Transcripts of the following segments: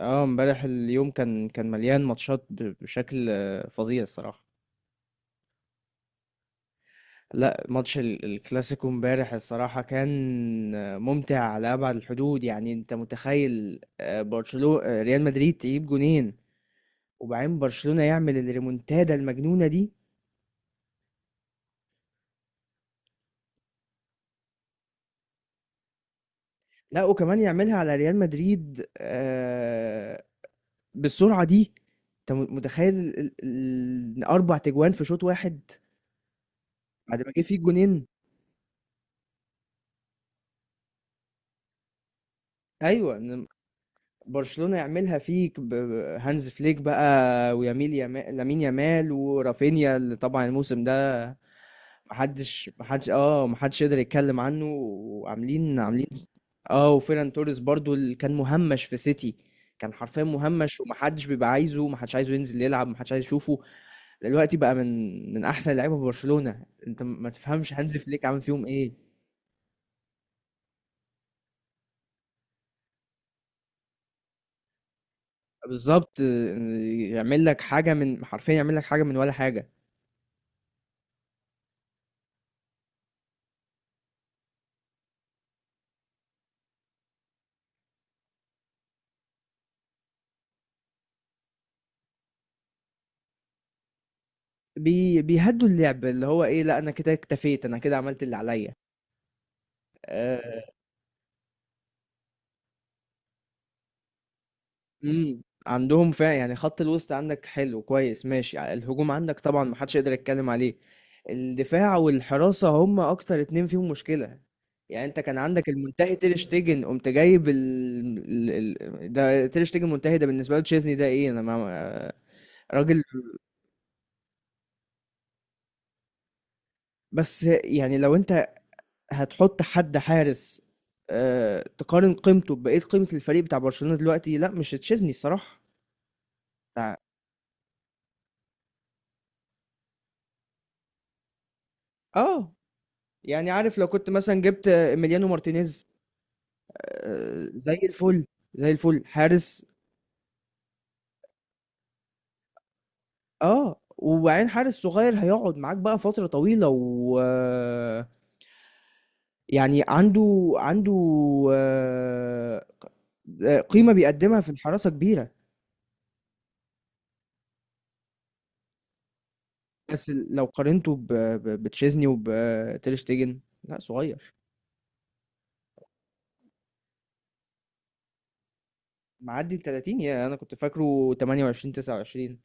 اه امبارح اليوم كان مليان ماتشات بشكل فظيع الصراحة. لا، ماتش الكلاسيكو امبارح الصراحة كان ممتع على أبعد الحدود، يعني انت متخيل برشلونة ريال مدريد تجيب جونين، وبعدين برشلونة يعمل الريمونتادا المجنونة دي. لا، وكمان يعملها على ريال مدريد، بالسرعة دي. انت متخيل إن أربع تجوان في شوط واحد بعد ما جه فيه جونين؟ ايوه، برشلونة يعملها فيك هانز فليك بقى، ويميل يامال لامين يامال ورافينيا اللي طبعا الموسم ده محدش يقدر يتكلم عنه، وعاملين عاملين. اه، وفيران توريس برضو اللي كان مهمش في سيتي، كان حرفيا مهمش، ومحدش بيبقى عايزه، محدش عايزه ينزل يلعب، محدش عايز يشوفه. دلوقتي بقى من احسن اللعيبه في برشلونة، انت ما تفهمش هانز فليك عامل فيهم ايه. بالظبط، يعمل لك حاجه من، حرفيا يعمل لك حاجه من ولا حاجه. بيهدوا اللعب، اللي هو ايه، لا انا كده اكتفيت، انا كده عملت اللي عليا. آه، عندهم فعلا، يعني خط الوسط عندك حلو كويس ماشي، الهجوم عندك طبعا محدش يقدر يتكلم عليه. الدفاع والحراسة هم اكتر اتنين فيهم مشكلة. يعني انت كان عندك المنتهي تير شتيجن، قمت جايب ده تير شتيجن منتهي، ده بالنسبة له تشيزني ده ايه، انا ما... آه، راجل. بس يعني لو انت هتحط حد حارس تقارن قيمته ببقية قيمة الفريق بتاع برشلونة دلوقتي، لا مش تشيزني الصراحة. تع- اه، يعني عارف لو كنت مثلا جبت إيميليانو مارتينيز زي الفل، زي الفل حارس. اه، وبعدين حارس صغير هيقعد معاك بقى فترة طويلة و يعني عنده آه، قيمة بيقدمها في الحراسة كبيرة. بس لو قارنته بتشيزني وبتير شتيجن، لا صغير. معدي ال 30، يا انا كنت فاكره 28 29،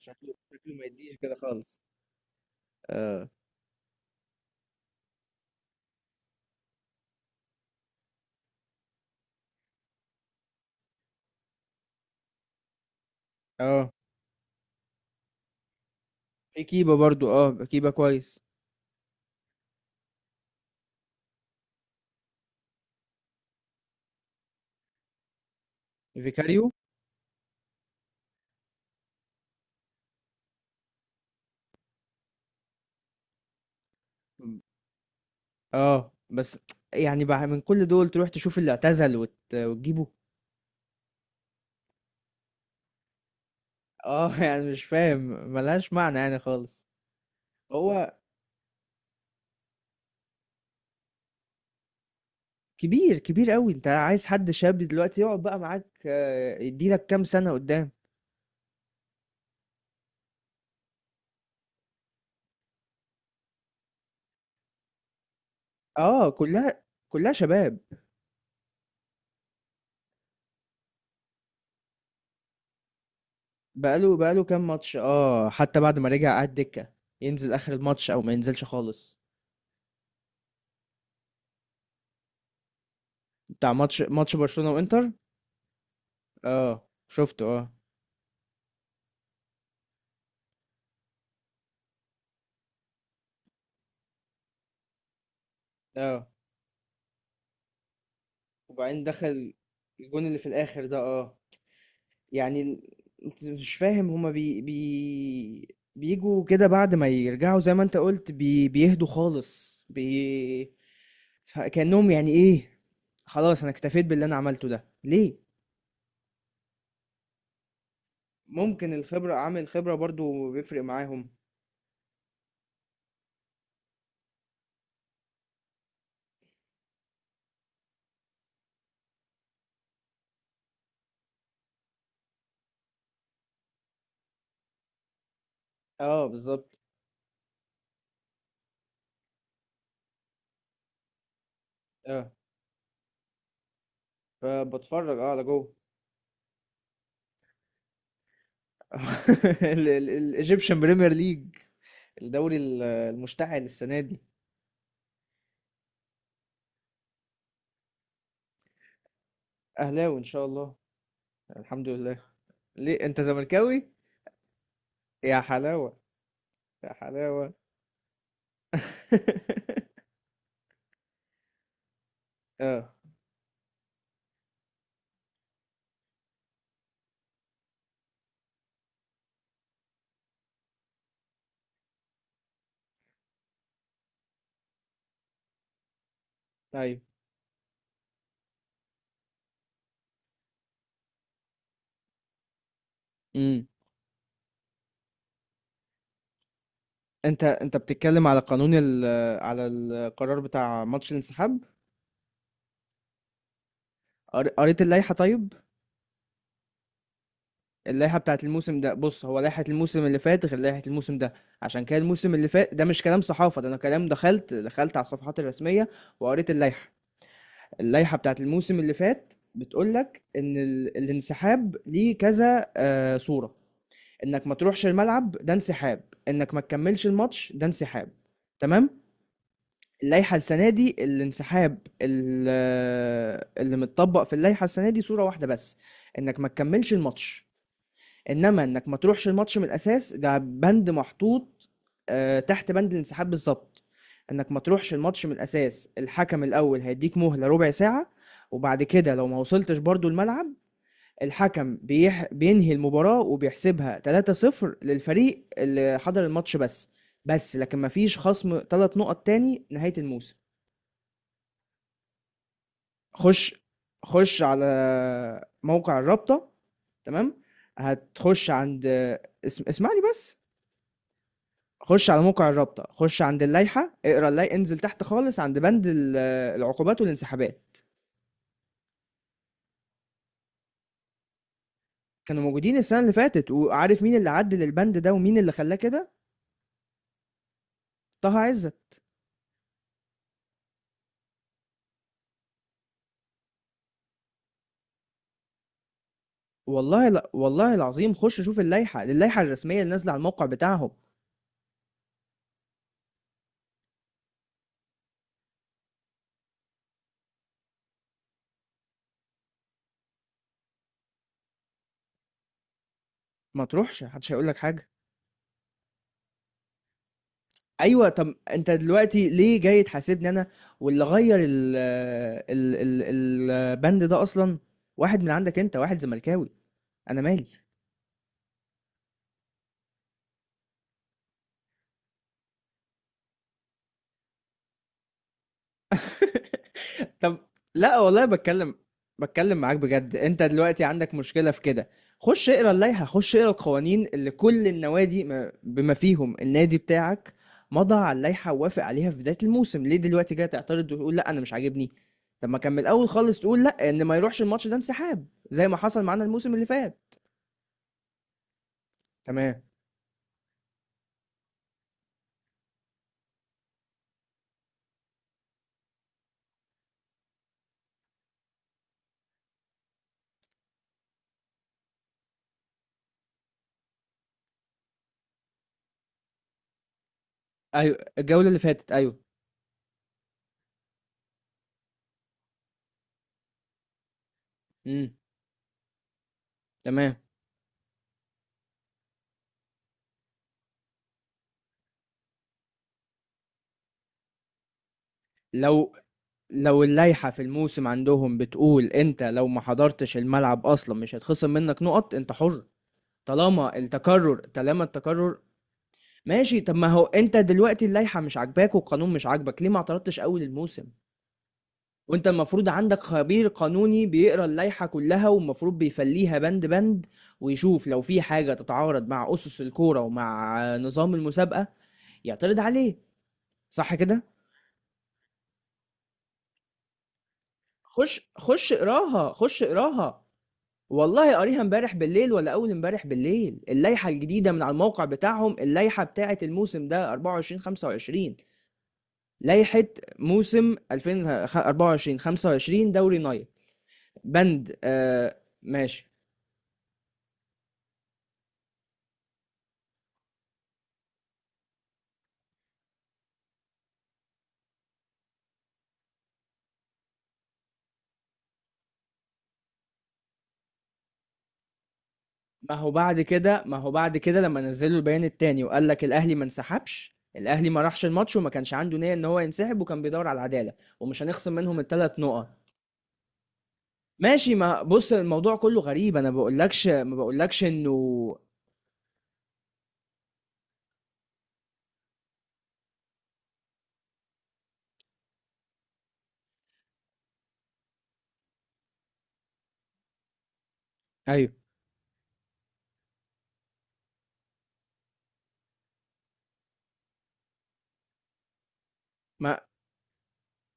شكله شكله ما يديش كده خالص. اه، اه، في كيبا برضو، اه كيبا كويس. فيكاريو. اه، بس يعني بقى من كل دول تروح تشوف اللي اعتزل وتجيبه؟ اه يعني مش فاهم، ملهاش معنى يعني خالص. هو كبير، كبير قوي، انت عايز حد شاب دلوقتي يقعد بقى معاك، يديلك كام سنة قدام. اه، كلها، كلها شباب. بقاله كام ماتش، اه، حتى بعد ما رجع قعد دكة، ينزل اخر الماتش او ما ينزلش خالص. بتاع ماتش برشلونة وانتر؟ اه، شفته اه. اه، وبعدين دخل الجون اللي في الاخر ده، اه، يعني انت مش فاهم هما بي بي بيجوا كده بعد ما يرجعوا، زي ما انت قلت بيهدوا خالص كأنهم يعني ايه، خلاص انا اكتفيت باللي انا عملته ده ليه. ممكن الخبرة، عامل خبرة برضو بيفرق معاهم. اه، بالظبط. اه، فبتفرج على جوه. الايجيبشن بريمير ليج. الدوري المشتعل السنه دي. اهلاوي ان شاء الله، الحمد لله. ليه، انت زملكاوي؟ يا حلاوه، يا حلاوه. اه، ايوه، امم. انت بتتكلم على قانون ال على القرار بتاع ماتش الانسحاب. قريت اللائحه، طيب. اللائحة بتاعت الموسم ده، بص، هو لائحة الموسم اللي فات غير لائحة الموسم ده. عشان كده الموسم اللي فات، ده مش كلام صحافة، ده انا كلام، دخلت على الصفحات الرسمية وقريت اللائحة. اللائحة بتاعت الموسم اللي فات بتقولك ان الانسحاب ليه كذا صورة: انك ما تروحش الملعب ده انسحاب، انك ما تكملش الماتش ده انسحاب، تمام. اللائحة السنة دي، الانسحاب اللي متطبق في اللائحة السنة دي صورة واحدة بس: انك ما تكملش الماتش. انما انك ما تروحش الماتش من الاساس، ده بند محطوط تحت بند الانسحاب بالظبط. انك ما تروحش الماتش من الاساس، الحكم الاول هيديك مهلة ربع ساعة، وبعد كده لو ما وصلتش برضو الملعب، الحكم بينهي المباراة وبيحسبها 3-0 للفريق اللي حضر الماتش بس. بس لكن ما فيش خصم 3 نقط تاني نهاية الموسم. خش، خش على موقع الرابطة. تمام، هتخش عند. اسمعني بس. خش على موقع الرابطة، خش عند اللائحة، اقرا اللائحة، انزل تحت خالص عند بند العقوبات والانسحابات. كانوا موجودين السنة اللي فاتت، وعارف مين اللي عدل البند ده ومين اللي خلاه كده؟ طه عزت. والله، لا والله العظيم، خش شوف اللائحة، اللائحة الرسمية اللي نازلة على الموقع بتاعهم. ما تروحش، محدش هيقول لك حاجة. ايوه، طب انت دلوقتي ليه جاي تحاسبني انا، واللي غير ال ال ال البند ده اصلا واحد من عندك، انت واحد زملكاوي، انا مالي. طب لا، والله بتكلم، معاك بجد، انت دلوقتي عندك مشكلة في كده؟ خش اقرا اللائحة، خش اقرا القوانين اللي كل النوادي بما فيهم النادي بتاعك مضى على اللائحة ووافق عليها في بداية الموسم. ليه دلوقتي جاي تعترض وتقول لا انا مش عاجبني؟ طب ما كان من الاول خالص تقول لا، ان ما يروحش الماتش ده انسحاب زي ما حصل معانا الموسم اللي فات. تمام. ايوه، الجولة اللي فاتت، ايوه. امم. تمام. لو لو اللائحة في الموسم عندهم بتقول انت لو ما حضرتش الملعب اصلا مش هيتخصم منك نقط، انت حر. طالما التكرر، طالما التكرر. ماشي، طب ما هو انت دلوقتي اللائحة مش عاجباك والقانون مش عاجبك، ليه ما اعترضتش اول الموسم؟ وانت المفروض عندك خبير قانوني بيقرا اللائحة كلها، والمفروض بيفليها بند بند، ويشوف لو في حاجة تتعارض مع اسس الكورة ومع نظام المسابقة يعترض عليه، صح كده؟ خش، خش اقراها، خش اقراها. والله قاريها امبارح بالليل ولا اول امبارح بالليل، اللائحه الجديده، من على الموقع بتاعهم، اللائحه بتاعه الموسم ده 24 25، لائحه موسم 2024 25 دوري نايل، بند ماشي. ما هو بعد كده لما نزلوا البيان التاني، وقال لك الاهلي ما انسحبش، الاهلي ما راحش الماتش وما كانش عنده نيه ان هو ينسحب، وكان بيدور على العداله، ومش هنخصم منهم الثلاث نقط. ماشي، ما بص، الموضوع كله غريب، انا بقولكش، ما بقولكش انه. ايوه، ما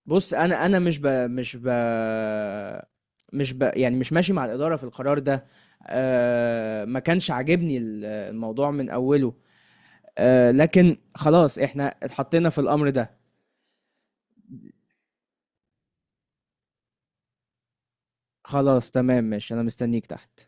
بص، انا مش ب... مش ب... مش ب... يعني مش ماشي مع الاداره في القرار ده. ما كانش عاجبني الموضوع من اوله، لكن خلاص احنا اتحطينا في الامر ده. خلاص، تمام، ماشي، انا مستنيك تحت.